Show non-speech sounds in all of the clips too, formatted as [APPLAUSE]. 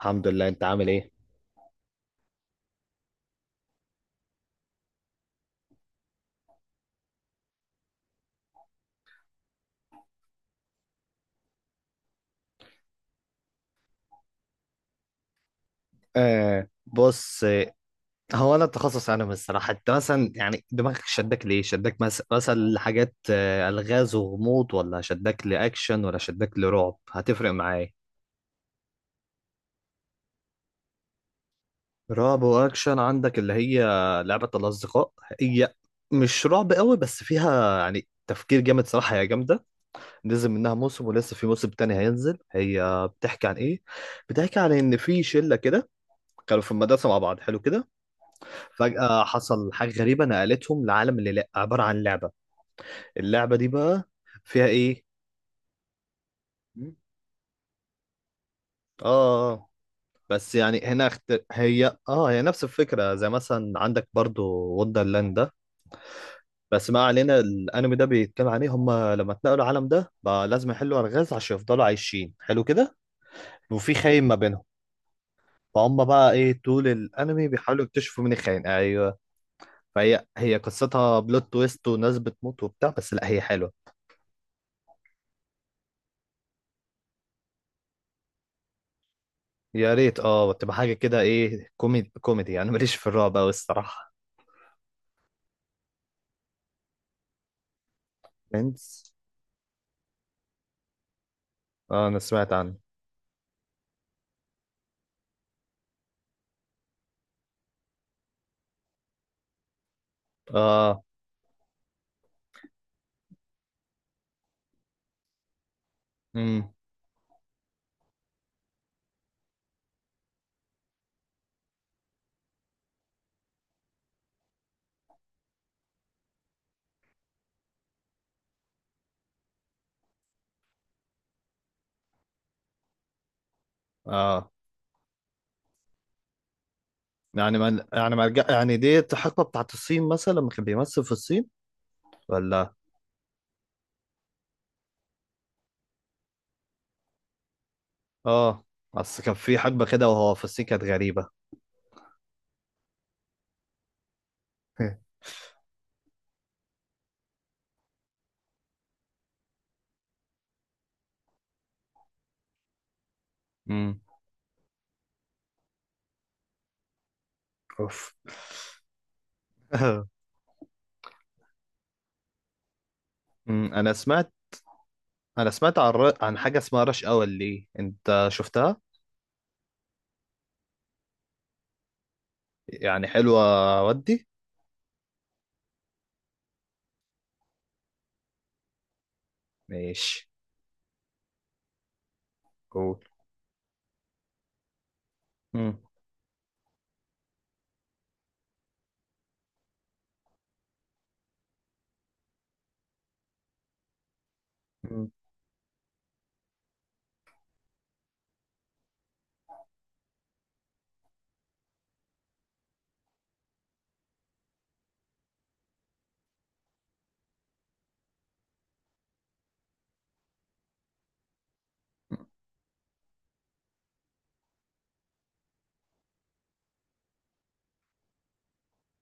الحمد لله. انت عامل ايه؟ آه بص. هو انا التخصص، انا الصراحه، انت مثلا يعني دماغك شدك ليه؟ شدك مثلا لحاجات الغاز وغموض، ولا شدك لاكشن، ولا شدك لرعب؟ هتفرق معايا. رعب واكشن، عندك اللي هي لعبه الاصدقاء. هي مش رعب قوي بس فيها يعني تفكير جامد صراحه، هي جامده. نزل منها موسم ولسه في موسم تاني هينزل. هي بتحكي عن ايه؟ بتحكي عن ان في شله كده كانوا في المدرسه مع بعض، حلو كده. فجأة حصل حاجة غريبة نقلتهم لعالم اللي لا عبارة عن لعبة. اللعبة دي بقى فيها ايه؟ مم. اه. آه. بس يعني هنا هي نفس الفكرة زي مثلا عندك برضو وندرلاند ده. بس ما علينا، الانمي ده بيتكلم عليه، هم لما اتنقلوا العالم ده بقى لازم يحلوا الغاز عشان يفضلوا عايشين، حلو كده. وفي خاين ما بينهم. فهم بقى ايه، طول الانمي بيحاولوا يكتشفوا مين الخاين. ايوه. فهي قصتها بلوت تويست وناس بتموت وبتاع، بس لا هي حلوة. يا ريت اه تبقى حاجة كده ايه، كوميدي كوميدي، انا ماليش في الرعب اوي الصراحة. فريندز؟ اه انا سمعت عنه. اه. امم. اه يعني ما يعني ما رجع- يعني دي حقبة بتاعت الصين مثلا لما كان بيمثل في الصين، ولا؟ اه، اصل كان في حقبة كده وهو في الصين كانت غريبة. [LAUGHS] امم. اوف. [LAUGHS] انا سمعت. عن عن حاجة اسمها رش اور، ليه انت شفتها؟ يعني حلوة؟ ودي؟ ماشي. قول. امم. أمم.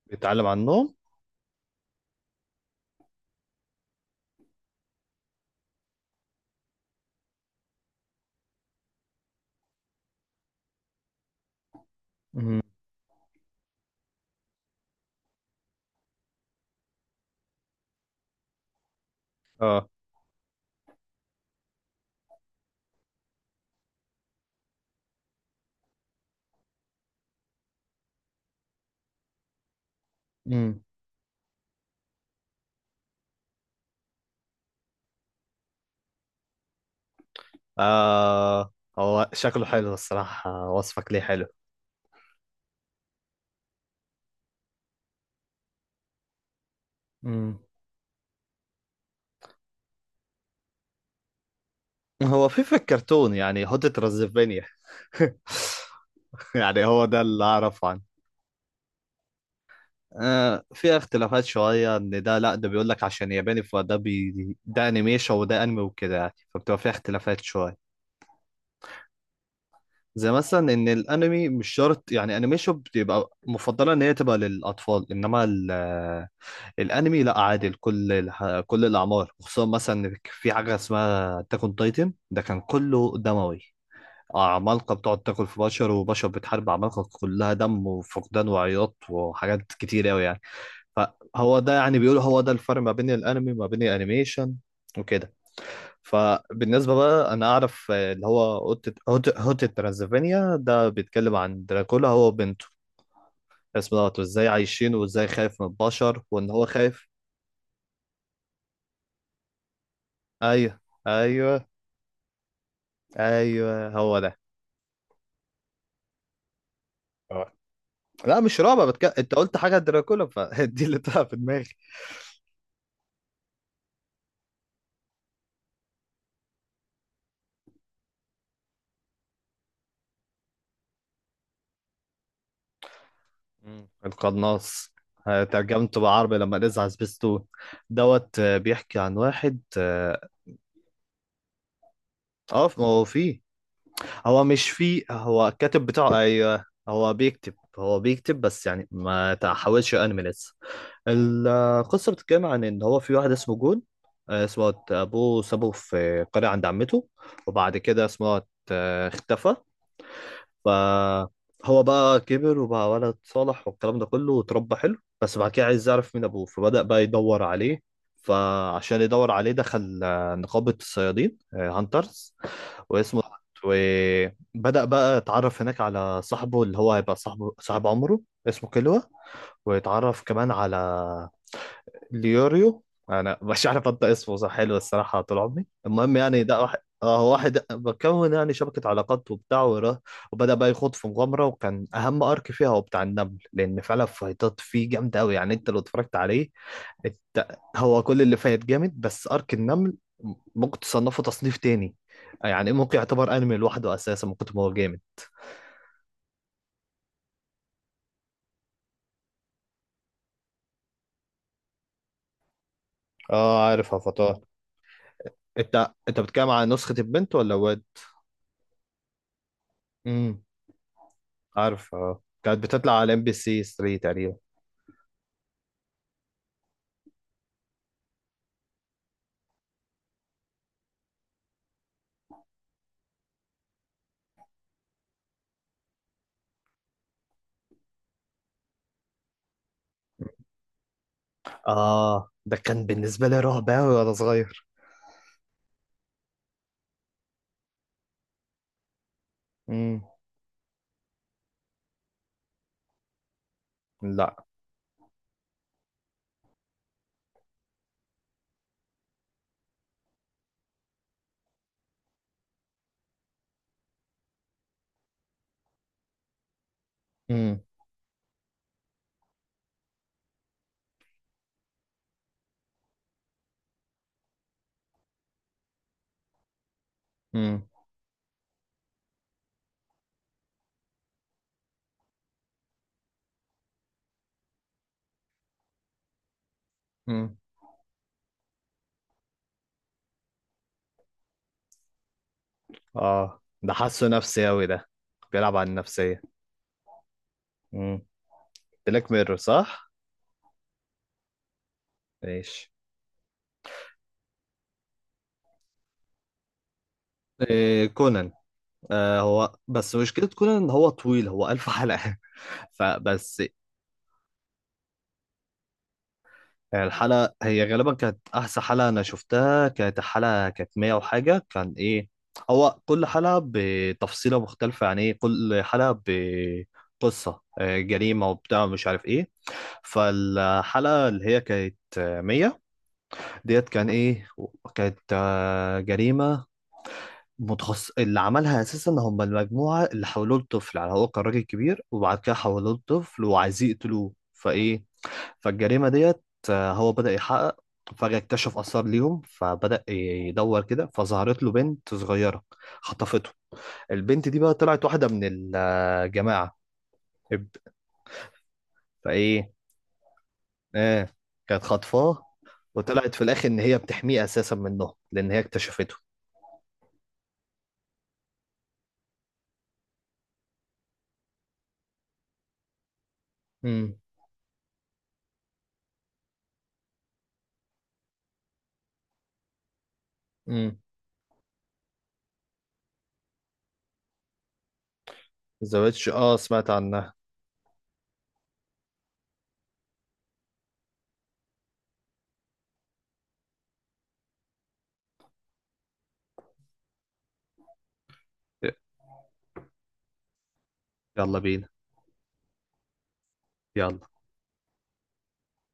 بيتعلم عن النوم. مم. اه. امم. آه هو شكله حلو الصراحة، وصفك ليه حلو. امم. هو في الكرتون يعني هوتة رزفينيا. [LAUGHS] يعني هو ده اللي أعرفه عنه. آه في اختلافات شوية، إن ده لأ، ده بيقول لك عشان ياباني فده بي، ده أنيميشن وده أنمي وكده يعني، فبتبقى فيها اختلافات شوية. زي مثلا إن الأنمي مش شرط يعني أنيميشن بتبقى مفضلة إن هي تبقى للأطفال، إنما الانمي لا، عادي لكل كل الاعمار، خصوصا مثلا إن في حاجه اسمها تاكون تايتن، ده كان كله دموي، عمالقه بتقعد تاكل في بشر وبشر بتحارب عمالقه، كلها دم وفقدان وعياط وحاجات كتير قوي يعني. فهو ده يعني بيقول، هو ده الفرق ما بين الانمي وما بين الانيميشن وكده. فبالنسبه بقى، انا اعرف اللي هو هوت ترانزفينيا، ده بيتكلم عن دراكولا هو وبنته، اسمه دوت، وازاي عايشين، وازاي خايف من البشر، وان هو خايف. ايوه. ايوه. ايوه هو ده. اه. لا مش رعب، انت قلت حاجه دراكولا فدي [LAUGHS] اللي طلع في دماغي. مم. القناص. آه، ترجمته بالعربي لما نزع سبيستون دوت. آه، بيحكي عن واحد، اه. آه ما هو فيه. هو مش فيه، هو الكاتب بتاعه. ايوه هو بيكتب، بس يعني ما تحاولش، انمي لسه. القصة بتتكلم عن إن هو في واحد اسمه جون. آه اسمه أبوه سابه في قرية عند عمته، وبعد كده اسمه اختفى. فهو بقى كبر وبقى ولد صالح والكلام ده كله وتربى حلو، بس بعد كده عايز يعرف مين أبوه فبدأ بقى يدور عليه. فعشان يدور عليه دخل نقابة الصيادين، هانترز. واسمه. وبدأ بقى يتعرف هناك على صاحبه اللي هو هيبقى صاحبه، صاحب عمره، اسمه كيلوا. ويتعرف كمان على ليوريو، انا مش عارف انطق اسمه صح، حلو الصراحه طول عمري. المهم يعني ده واحد، اه واحد بكون يعني شبكه علاقات وبتاع وبدا بقى يخوض في مغامره، وكان اهم ارك فيها هو بتاع النمل، لان فعلا فايتات فيه جامده قوي يعني. انت لو اتفرجت عليه، انت هو كل اللي فايت جامد، بس ارك النمل ممكن تصنفه تصنيف تاني، يعني ممكن يعتبر انمي لوحده اساسا من كتر ما هو جامد. اه عارف افاتار. انت بتتكلم على نسخه البنت ولا الواد؟ عارف، اه كانت بتطلع على ام بي سي 3 تقريبا. اه ده كان بالنسبه لي رعب قوي وانا صغير. امم. لا. امم. امم. امم. اه ده حاسه نفسي قوي ده، بيلعب على النفسيه. امم. بلاك ميرور صح. ماشي. إيه، كونان. آه هو بس مشكلة كونان ان هو طويل، هو ألف حلقة. [LAUGHS] فبس. يعني الحلقة، هي غالبا كانت أحسن حلقة أنا شفتها، كانت الحلقة كانت 100 وحاجة، كان إيه، هو كل حلقة بتفصيلة مختلفة، يعني إيه كل حلقة بقصة جريمة وبتاع، مش عارف إيه. فالحلقة اللي هي كانت 100 ديت كان إيه، كانت جريمة متخصص اللي عملها أساسا هم المجموعة اللي حولوه لطفل، يعني هو كان راجل كبير وبعد كده حولوه لطفل وعايزين يقتلوه. فإيه، فالجريمة ديت هو بدأ يحقق. فجأة اكتشف آثار ليهم فبدأ يدور كده فظهرت له بنت صغيرة خطفته. البنت دي بقى طلعت واحدة من الجماعة. فإيه. آه. كانت خاطفاه. وطلعت في الآخر إن هي بتحميه أساسا منه لأن هي اكتشفته. امم. امم. زوجتش آه سمعت عنها. يلا بينا. يلا.